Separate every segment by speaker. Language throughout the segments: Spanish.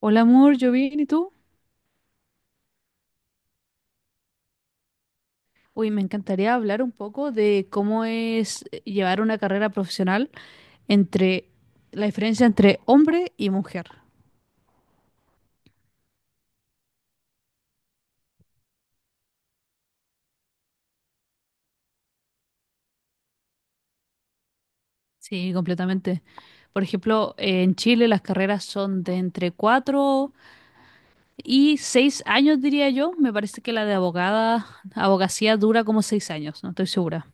Speaker 1: Hola amor, yo bien, ¿y tú? Uy, me encantaría hablar un poco de cómo es llevar una carrera profesional entre la diferencia entre hombre y mujer. Sí, completamente. Por ejemplo, en Chile las carreras son de entre 4 y 6 años, diría yo. Me parece que la de abogada, abogacía dura como 6 años, no estoy segura.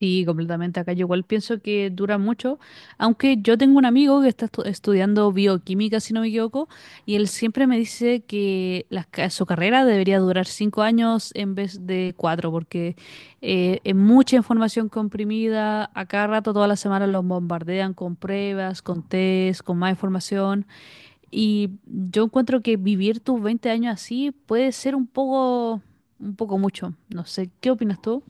Speaker 1: Sí, completamente. Acá yo igual pienso que dura mucho, aunque yo tengo un amigo que está estudiando bioquímica, si no me equivoco, y él siempre me dice que las su carrera debería durar 5 años en vez de 4, porque es mucha información comprimida, a cada rato, todas las semanas los bombardean con pruebas, con test, con más información. Y yo encuentro que vivir tus 20 años así puede ser un poco mucho. No sé, ¿qué opinas tú?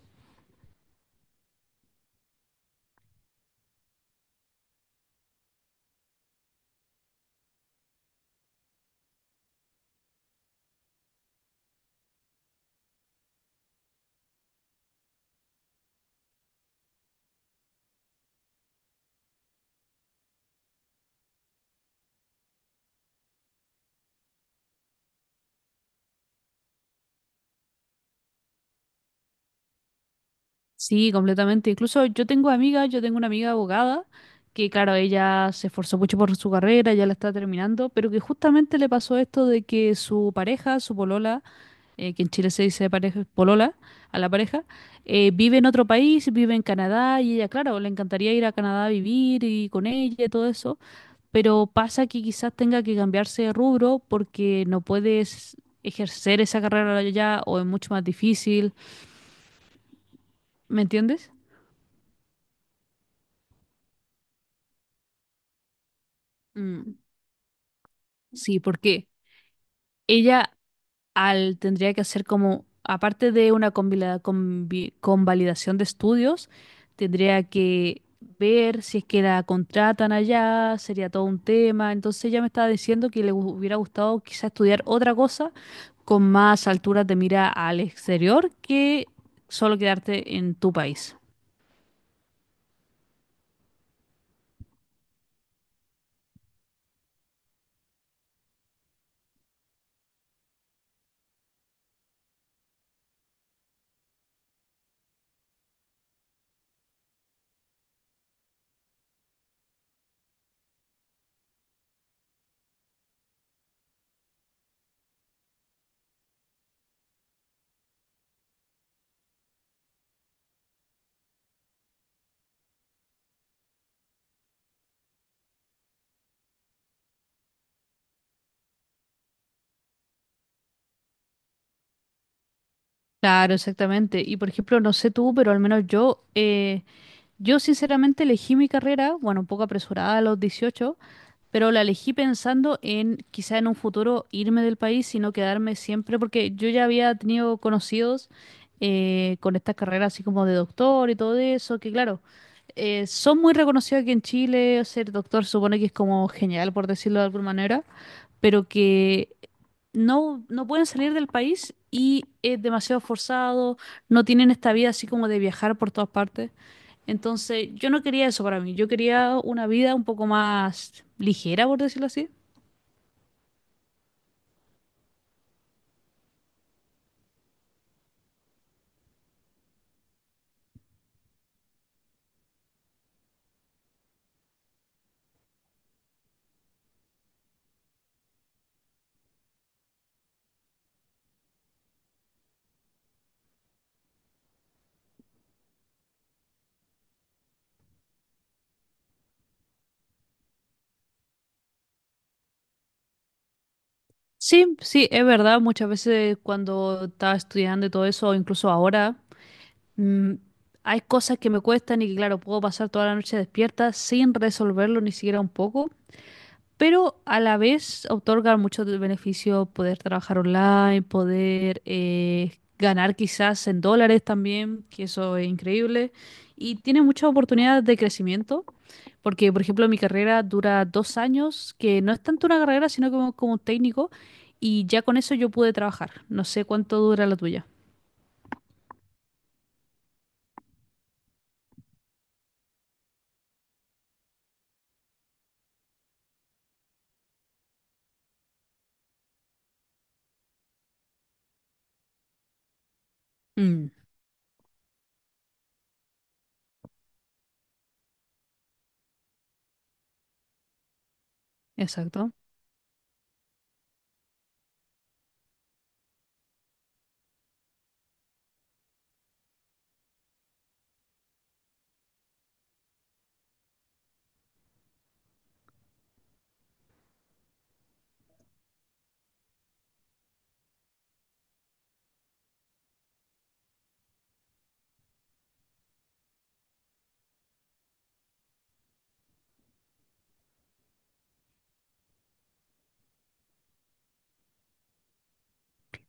Speaker 1: Sí, completamente. Incluso yo tengo amigas, yo tengo una amiga abogada que, claro, ella se esforzó mucho por su carrera, ya la está terminando, pero que justamente le pasó esto de que su pareja, su polola, que en Chile se dice pareja, polola, a la pareja, vive en otro país, vive en Canadá y ella, claro, le encantaría ir a Canadá a vivir y con ella y todo eso, pero pasa que quizás tenga que cambiarse de rubro porque no puedes ejercer esa carrera allá o es mucho más difícil, ¿me entiendes? Mm. Sí, porque ella al tendría que hacer como, aparte de una convalidación de estudios, tendría que ver si es que la contratan allá, sería todo un tema. Entonces ella me estaba diciendo que le hubiera gustado quizá estudiar otra cosa con más alturas de mira al exterior que solo quedarte en tu país. Claro, exactamente. Y por ejemplo, no sé tú, pero al menos yo, yo sinceramente elegí mi carrera, bueno, un poco apresurada a los 18, pero la elegí pensando en quizá en un futuro irme del país y no quedarme siempre, porque yo ya había tenido conocidos con estas carreras, así como de doctor y todo eso, que claro, son muy reconocidos aquí en Chile, ser doctor supone que es como genial, por decirlo de alguna manera, pero que no pueden salir del país y es demasiado forzado, no tienen esta vida así como de viajar por todas partes. Entonces, yo no quería eso para mí, yo quería una vida un poco más ligera, por decirlo así. Sí, sí, es verdad, muchas veces cuando estaba estudiando y todo eso, o incluso ahora, mm, hay cosas que me cuestan y que claro, puedo pasar toda la noche despierta sin resolverlo ni siquiera un poco. Pero a la vez otorga mucho de beneficio poder trabajar online, poder ganar quizás en dólares también, que eso es increíble, y tiene muchas oportunidades de crecimiento, porque por ejemplo mi carrera dura 2 años, que no es tanto una carrera, sino como un técnico, y ya con eso yo pude trabajar. No sé cuánto dura la tuya. Mm. Exacto.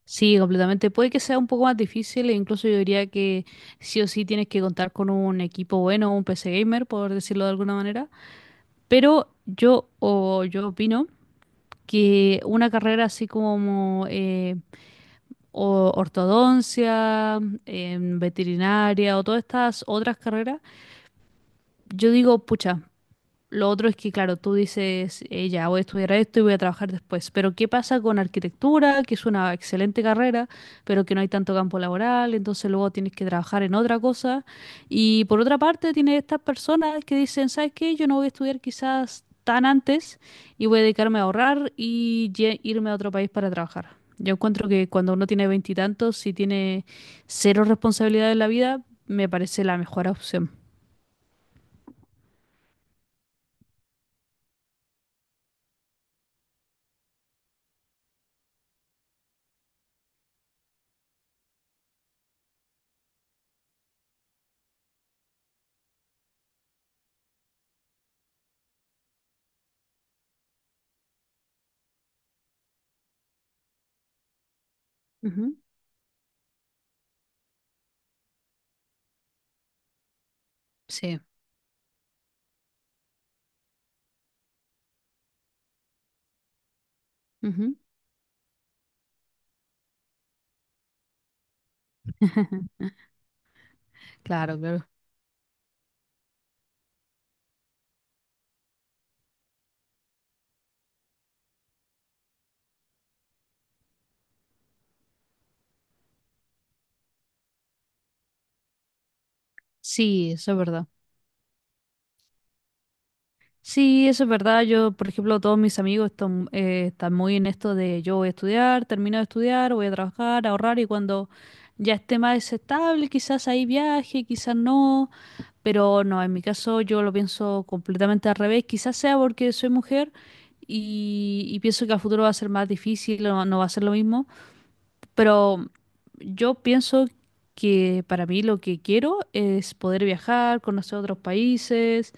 Speaker 1: Sí, completamente. Puede que sea un poco más difícil e incluso yo diría que sí o sí tienes que contar con un equipo bueno, un PC gamer, por decirlo de alguna manera. Pero yo opino que una carrera así como ortodoncia, veterinaria o todas estas otras carreras, yo digo, pucha. Lo otro es que, claro, tú dices, ya voy a estudiar esto y voy a trabajar después, pero ¿qué pasa con arquitectura, que es una excelente carrera, pero que no hay tanto campo laboral, entonces luego tienes que trabajar en otra cosa? Y por otra parte, tienes estas personas que dicen, ¿sabes qué? Yo no voy a estudiar quizás tan antes y voy a dedicarme a ahorrar y irme a otro país para trabajar. Yo encuentro que cuando uno tiene veintitantos, si tiene cero responsabilidad en la vida, me parece la mejor opción. Ujú. Sí. Ujú. Claro, claro. Sí, eso es verdad. Sí, eso es verdad. Yo, por ejemplo, todos mis amigos están, están muy en esto de yo voy a estudiar, termino de estudiar, voy a trabajar, ahorrar y cuando ya esté más estable, quizás ahí viaje, quizás no, pero no, en mi caso yo lo pienso completamente al revés. Quizás sea porque soy mujer y pienso que a futuro va a ser más difícil, no va a ser lo mismo, pero yo pienso que para mí lo que quiero es poder viajar, conocer otros países.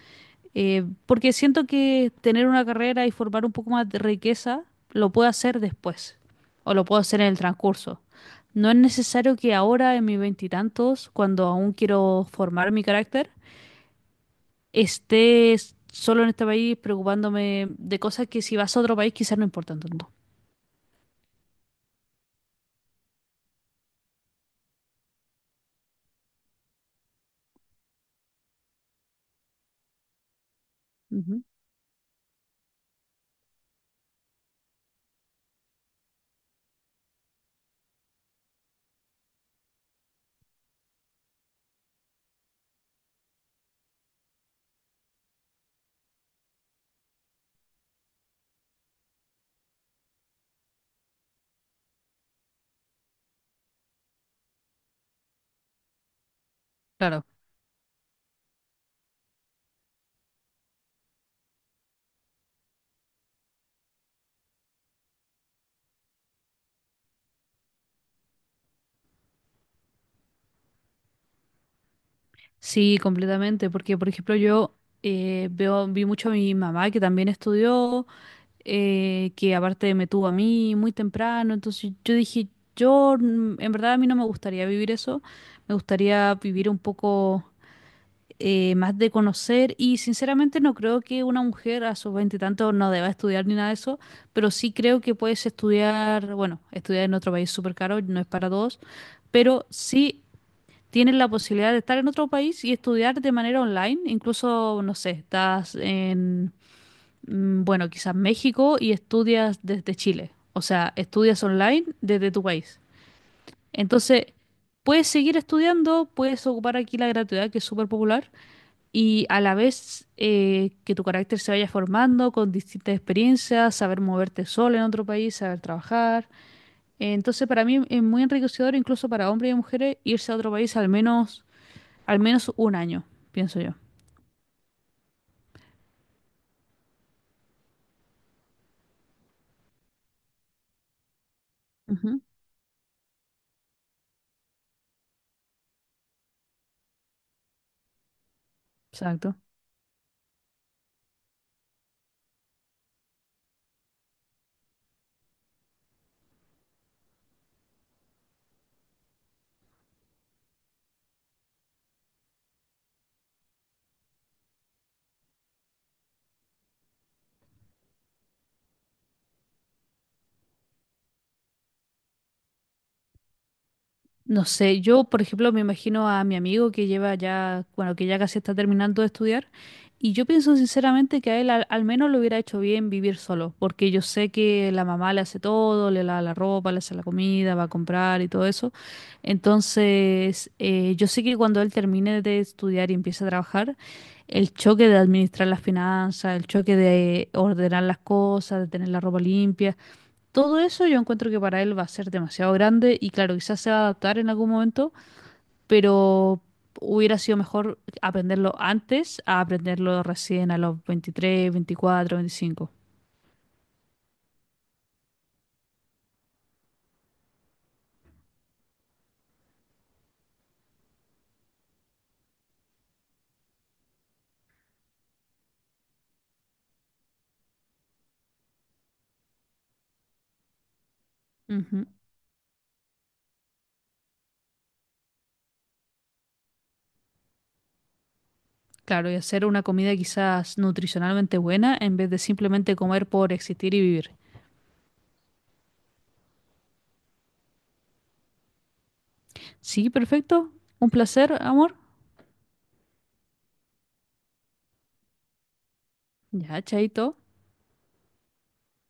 Speaker 1: Porque siento que tener una carrera y formar un poco más de riqueza lo puedo hacer después o lo puedo hacer en el transcurso. No es necesario que ahora, en mis veintitantos, cuando aún quiero formar mi carácter, esté solo en este país preocupándome de cosas que si vas a otro país quizás no importan tanto. Ujú. Claro. Sí, completamente, porque por ejemplo yo vi mucho a mi mamá que también estudió, que aparte me tuvo a mí muy temprano, entonces yo dije, yo en verdad a mí no me gustaría vivir eso, me gustaría vivir un poco más de conocer y sinceramente no creo que una mujer a sus veinte y tantos no deba estudiar ni nada de eso, pero sí creo que puedes estudiar, bueno, estudiar en otro país es súper caro, no es para todos, pero sí... Tienes la posibilidad de estar en otro país y estudiar de manera online, incluso, no sé, estás en, bueno, quizás México y estudias desde Chile. O sea, estudias online desde tu país. Entonces, puedes seguir estudiando, puedes ocupar aquí la gratuidad, que es súper popular, y a la vez que tu carácter se vaya formando con distintas experiencias, saber moverte solo en otro país, saber trabajar. Entonces, para mí es muy enriquecedor, incluso para hombres y mujeres, irse a otro país al menos un año, pienso yo. Ujú. Exacto. No sé, yo por ejemplo me imagino a mi amigo que lleva ya, bueno, que ya casi está terminando de estudiar y yo pienso sinceramente que a él al menos le hubiera hecho bien vivir solo, porque yo sé que la mamá le hace todo, le lava la ropa, le hace la comida, va a comprar y todo eso. Entonces, yo sé que cuando él termine de estudiar y empiece a trabajar, el choque de administrar las finanzas, el choque de ordenar las cosas, de tener la ropa limpia. Todo eso yo encuentro que para él va a ser demasiado grande y claro, quizás se va a adaptar en algún momento, pero hubiera sido mejor aprenderlo antes a aprenderlo recién a los 23, 24, 25. Ujú. Claro, y hacer una comida quizás nutricionalmente buena en vez de simplemente comer por existir y vivir. Sí, perfecto. Un placer, amor. Ya, chaito.